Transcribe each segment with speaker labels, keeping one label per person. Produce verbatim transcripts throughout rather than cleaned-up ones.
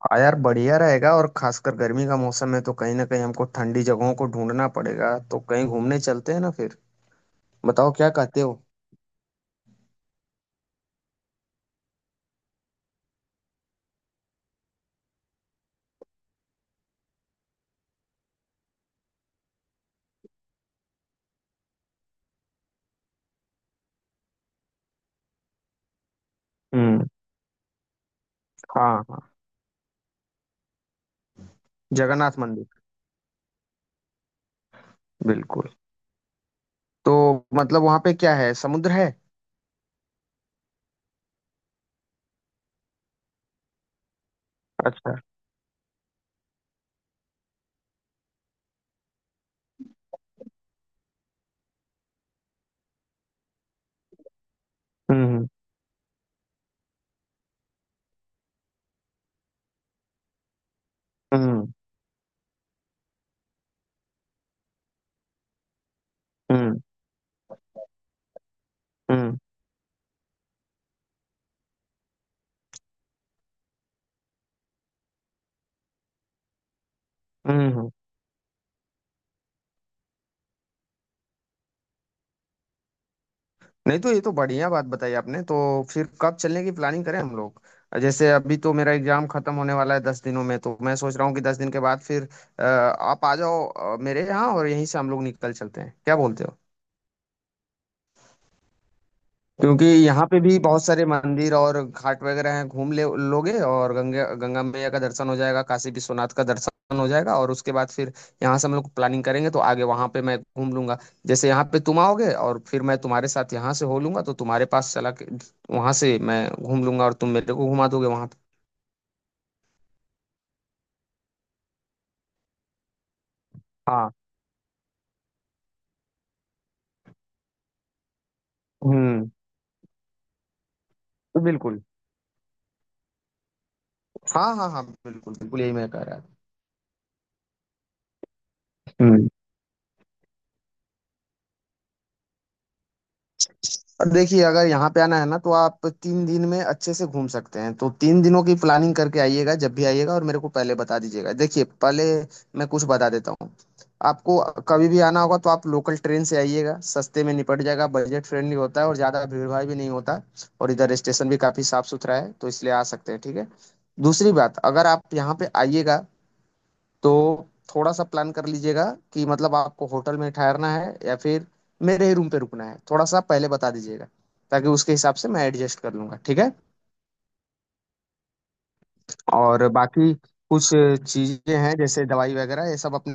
Speaker 1: हाँ यार, बढ़िया रहेगा। और खासकर गर्मी का मौसम है, तो कहीं ना कहीं हमको ठंडी जगहों को ढूंढना पड़ेगा। तो कहीं घूमने चलते हैं ना फिर, बताओ क्या कहते हो। हम्म। हाँ हाँ, जगन्नाथ मंदिर। बिल्कुल। तो मतलब वहां पे क्या है, समुद्र है? अच्छा। हम्म। हम्म। हम्म। हम्म। हम्म। नहीं तो ये तो बढ़िया बात बताई आपने। तो फिर कब चलने की प्लानिंग करें हम लोग? जैसे अभी तो मेरा एग्जाम खत्म होने वाला है दस दिनों में, तो मैं सोच रहा हूँ कि दस दिन के बाद फिर अ, आप आ जाओ अ, मेरे यहाँ, और यहीं से हम लोग निकल चलते हैं, क्या बोलते हो? क्योंकि यहाँ पे भी बहुत सारे मंदिर और घाट वगैरह हैं, घूम ले लोगे। और गंगा गंगा मैया का दर्शन हो जाएगा, काशी विश्वनाथ का दर्शन हो जाएगा, और उसके बाद फिर यहाँ से हम लोग प्लानिंग करेंगे तो आगे वहाँ पे मैं घूम लूंगा। जैसे यहाँ पे तुम आओगे और फिर मैं तुम्हारे साथ यहाँ से हो लूंगा, तो तुम्हारे पास चला के वहाँ से मैं घूम लूंगा, और तुम मेरे को घुमा दोगे वहाँ पे। हाँ। हम्म। बिल्कुल। हाँ हाँ हाँ, बिल्कुल बिल्कुल, यही मैं कह रहा था। हम्म। और देखिए, अगर यहाँ पे आना है ना, तो आप तीन दिन में अच्छे से घूम सकते हैं। तो तीन दिनों की प्लानिंग करके आइएगा, जब भी आइएगा, और मेरे को पहले बता दीजिएगा। देखिए, पहले मैं कुछ बता देता हूँ आपको। कभी भी आना होगा तो आप लोकल ट्रेन से आइएगा, सस्ते में निपट जाएगा, बजट फ्रेंडली होता है और ज़्यादा भीड़ भाड़ भी नहीं होता। और इधर स्टेशन भी काफ़ी साफ सुथरा है, तो इसलिए आ सकते हैं, ठीक है। दूसरी बात, अगर आप यहाँ पे आइएगा तो थोड़ा सा प्लान कर लीजिएगा कि मतलब आपको होटल में ठहरना है या फिर मेरे ही रूम पे रुकना है, थोड़ा सा पहले बता दीजिएगा, ताकि उसके हिसाब से मैं एडजस्ट कर लूंगा, ठीक है। और बाकी कुछ चीजें हैं जैसे दवाई वगैरह, ये सब अपने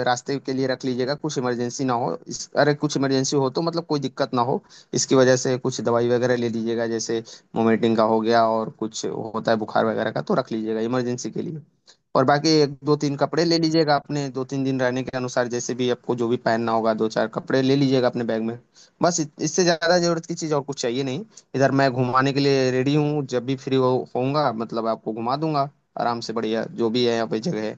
Speaker 1: अ, रास्ते के लिए रख लीजिएगा। कुछ इमरजेंसी ना हो इस, अरे, कुछ इमरजेंसी हो तो मतलब कोई दिक्कत ना हो इसकी वजह से, कुछ दवाई वगैरह ले लीजिएगा। जैसे मोमेंटिंग का हो गया, और कुछ होता है बुखार वगैरह का, तो रख लीजिएगा इमरजेंसी के लिए। और बाकी एक दो तीन कपड़े ले लीजिएगा अपने, दो तीन दिन रहने के अनुसार, जैसे भी आपको जो भी पहनना होगा, दो चार कपड़े ले लीजिएगा अपने बैग में। बस, इत- इससे ज्यादा जरूरत की चीज और कुछ चाहिए नहीं। इधर मैं घुमाने के लिए रेडी हूँ, जब भी फ्री हो होऊंगा मतलब आपको घुमा दूंगा, आराम से, बढ़िया जो भी है यहाँ पे जगह है।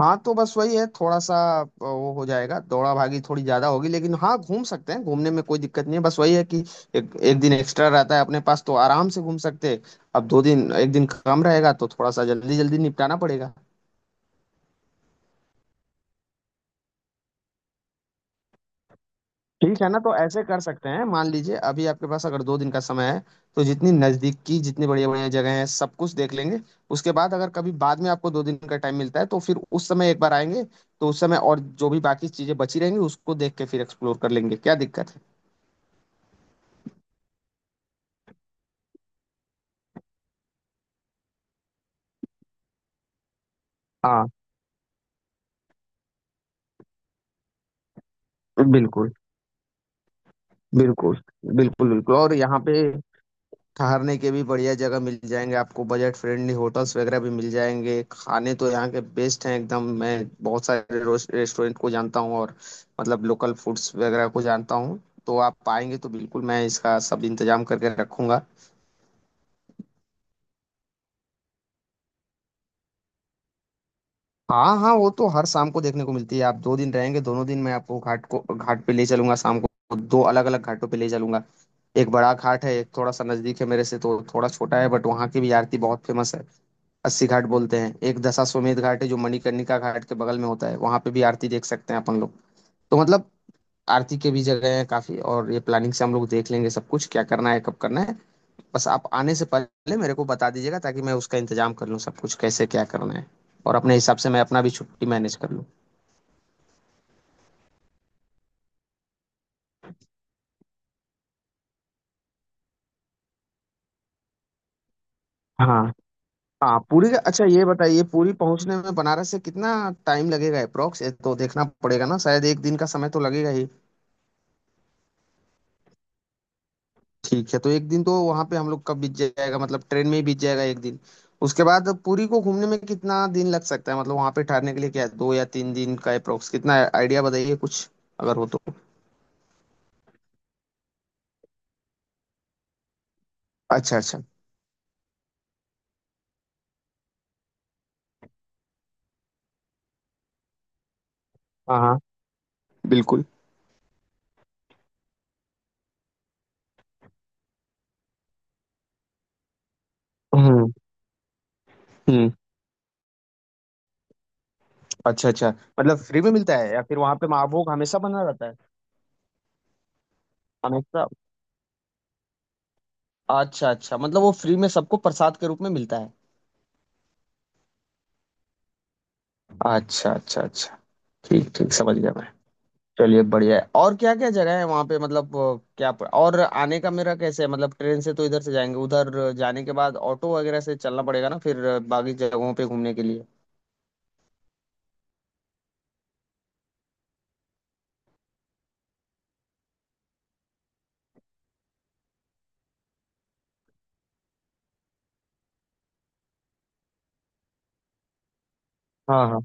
Speaker 1: हाँ तो बस वही है, थोड़ा सा अ, वो हो जाएगा, दौड़ा भागी थोड़ी ज्यादा होगी, लेकिन हाँ घूम सकते हैं, घूमने में कोई दिक्कत नहीं है। बस वही है कि एक, एक दिन एक्स्ट्रा रहता है अपने पास तो आराम से घूम सकते हैं। अब दो दिन, एक दिन कम रहेगा तो थोड़ा सा जल्दी जल्दी निपटाना पड़ेगा। ठीक है ना, तो ऐसे कर सकते हैं, मान लीजिए अभी आपके पास अगर दो दिन का समय है तो जितनी नजदीक की जितनी बढ़िया बढ़िया जगह है सब कुछ देख लेंगे। उसके बाद अगर कभी बाद में आपको दो दिन का टाइम मिलता है तो फिर उस समय एक बार आएंगे, तो उस समय और जो भी बाकी चीजें बची रहेंगी उसको देख के फिर एक्सप्लोर कर लेंगे, क्या दिक्कत है। हाँ बिल्कुल बिल्कुल, बिल्कुल बिल्कुल। और यहाँ पे ठहरने के भी बढ़िया जगह मिल जाएंगे आपको, बजट फ्रेंडली होटल्स वगैरह भी मिल जाएंगे। खाने तो यहाँ के बेस्ट हैं एकदम, मैं बहुत सारे रेस्टोरेंट को जानता हूँ, और मतलब लोकल फूड्स वगैरह को जानता हूँ। तो आप आएंगे तो बिल्कुल मैं इसका सब इंतजाम करके रखूंगा। हाँ हाँ, वो तो हर शाम को देखने को मिलती है। आप दो दिन रहेंगे, दोनों दिन मैं आपको घाट को, घाट पे ले चलूंगा, शाम को दो अलग अलग घाटों पे ले चलूंगा। एक बड़ा घाट है, एक थोड़ा सा नजदीक है मेरे से तो थोड़ा छोटा है, बट वहाँ की भी आरती बहुत फेमस है। अस्सी घाट बोलते हैं। एक दशाश्वमेध घाट है, जो मणिकर्णिका घाट के बगल में होता है, वहां पे भी आरती देख सकते हैं अपन लोग। तो मतलब आरती के भी जगह है काफी, और ये प्लानिंग से हम लोग देख लेंगे सब कुछ, क्या करना है कब करना है। बस आप आने से पहले मेरे को बता दीजिएगा, ताकि मैं उसका इंतजाम कर लूँ, सब कुछ कैसे क्या करना है, और अपने हिसाब से मैं अपना भी छुट्टी मैनेज कर लूँ। हाँ हाँ पूरी का- अच्छा ये बताइए, पूरी पहुंचने में बनारस से कितना टाइम लगेगा अप्रोक्स? तो देखना पड़ेगा ना, शायद एक दिन का समय तो लगेगा ही। ठीक है, तो एक दिन तो वहां पे हम लोग का बीत जाएगा, मतलब ट्रेन में ही बीत जाएगा एक दिन। उसके बाद पुरी को घूमने में कितना दिन लग सकता है, मतलब वहां पे ठहरने के लिए क्या है, दो या तीन दिन का अप्रोक्स कितना आइडिया बताइए कुछ, अगर हो तो। अच्छा अच्छा। हाँ हाँ बिल्कुल। हम्म। हम्म। अच्छा अच्छा, मतलब फ्री में मिलता है या फिर वहां पे महाभोग हमेशा बना रहता है? हमेशा? अच्छा अच्छा, मतलब वो फ्री में सबको प्रसाद के रूप में मिलता है। अच्छा अच्छा अच्छा, ठीक ठीक समझ गया मैं। चलिए बढ़िया है। और क्या क्या जगह है वहाँ पे मतलब, अ, क्या प- और आने का मेरा कैसे है, मतलब ट्रेन से तो इधर से जाएंगे, उधर जाने के बाद ऑटो वगैरह से चलना पड़ेगा ना फिर अ, बाकी जगहों पे घूमने के लिए? हाँ हाँ।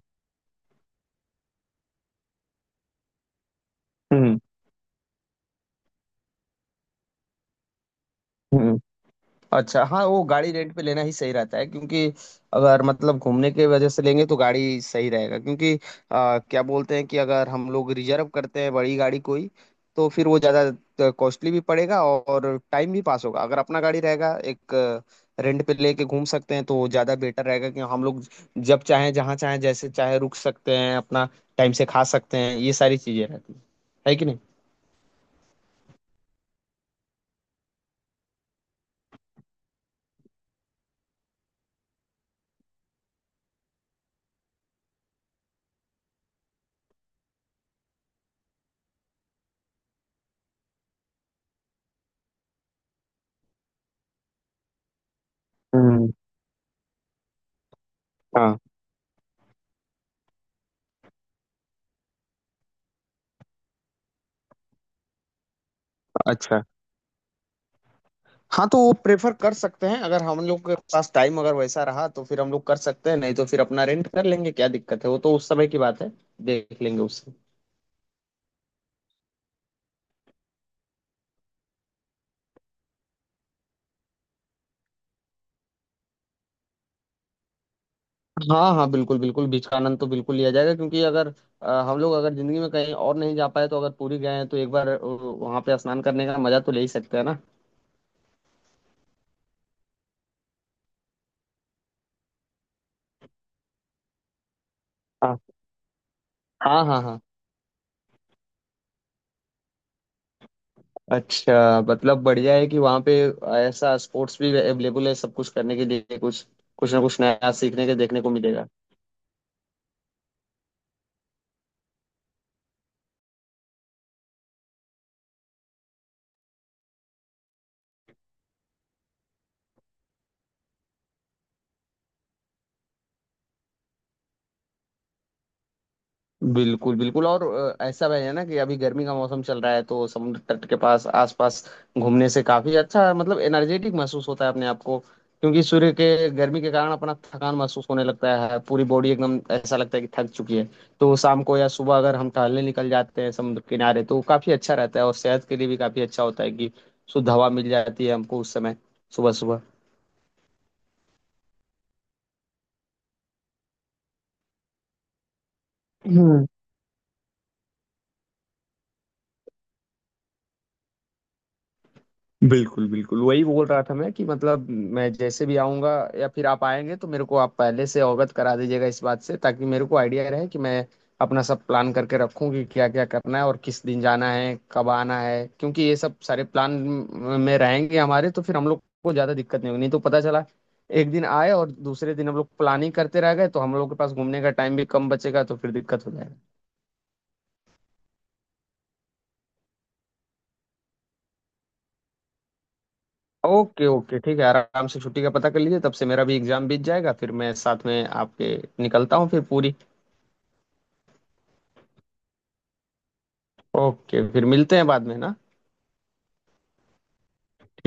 Speaker 1: हम्म। हम्म। अच्छा हाँ, वो गाड़ी रेंट पे लेना ही सही रहता है, क्योंकि अगर मतलब घूमने के वजह से लेंगे तो गाड़ी सही रहेगा। क्योंकि आ, क्या बोलते हैं कि अगर हम लोग रिजर्व करते हैं बड़ी गाड़ी कोई, तो फिर वो ज़्यादा कॉस्टली भी पड़ेगा और टाइम भी पास होगा। अगर अपना गाड़ी रहेगा एक, रेंट पे लेके घूम सकते हैं तो वो ज़्यादा बेटर रहेगा कि हम लोग जब चाहें जहाँ चाहें जैसे चाहे रुक सकते हैं अपना, टाइम से खा सकते हैं, ये सारी चीज़ें रहती हैं। है कि नहीं? हम्म। हाँ। अच्छा हाँ, तो वो प्रेफर कर सकते हैं अगर हम लोग के पास टाइम अगर वैसा रहा तो, फिर हम लोग कर सकते हैं, नहीं तो फिर अपना रेंट कर लेंगे, क्या दिक्कत है, वो तो उस समय की बात है, देख लेंगे उससे। हाँ हाँ बिल्कुल बिल्कुल, बीच का आनंद तो बिल्कुल लिया जाएगा। क्योंकि अगर अ, हम लोग अगर जिंदगी में कहीं और नहीं जा पाए, तो अगर पुरी गए हैं तो एक बार अ, वहाँ पे स्नान करने का मजा तो ले ही सकते हैं ना। हाँ हाँ हाँ। हाँ अच्छा, मतलब बढ़िया है कि वहाँ पे ऐसा स्पोर्ट्स भी अवेलेबल है सब कुछ करने के लिए, कुछ कुछ ना कुछ नया सीखने के देखने को मिलेगा। बिल्कुल बिल्कुल। और अ, ऐसा भी है ना कि अभी गर्मी का मौसम चल रहा है, तो समुद्र तट के पास आसपास घूमने से काफी अच्छा, मतलब एनर्जेटिक महसूस होता है अपने आप को। क्योंकि सूर्य के गर्मी के कारण अपना थकान महसूस होने लगता है, पूरी बॉडी एकदम ऐसा लगता है कि थक चुकी है। तो शाम को या सुबह अगर हम टहलने निकल जाते हैं समुद्र किनारे तो काफी अच्छा रहता है, और सेहत के लिए भी काफी अच्छा होता है कि शुद्ध हवा मिल जाती है हमको उस समय, सुबह सुबह। बिल्कुल बिल्कुल, वही बोल रहा था मैं कि मतलब, मैं जैसे भी आऊँगा या फिर आप आएंगे तो मेरे को आप पहले से अवगत करा दीजिएगा इस बात से, ताकि मेरे को आइडिया रहे कि मैं अपना सब प्लान करके रखूँ कि क्या क्या करना है और किस दिन जाना है कब आना है, क्योंकि ये सब सारे प्लान में रहेंगे हमारे तो फिर हम लोग को ज़्यादा दिक्कत नहीं होगी। नहीं तो पता चला एक दिन आए और दूसरे दिन हम लोग प्लानिंग करते रह गए तो हम लोग के पास घूमने का टाइम भी कम बचेगा तो फिर दिक्कत हो जाएगी। ओके ओके ठीक है, आराम से छुट्टी का पता कर लीजिए, तब से मेरा भी एग्जाम बीत जाएगा, फिर मैं साथ में आपके निकलता हूँ फिर पूरी। ओके, फिर मिलते हैं बाद में ना।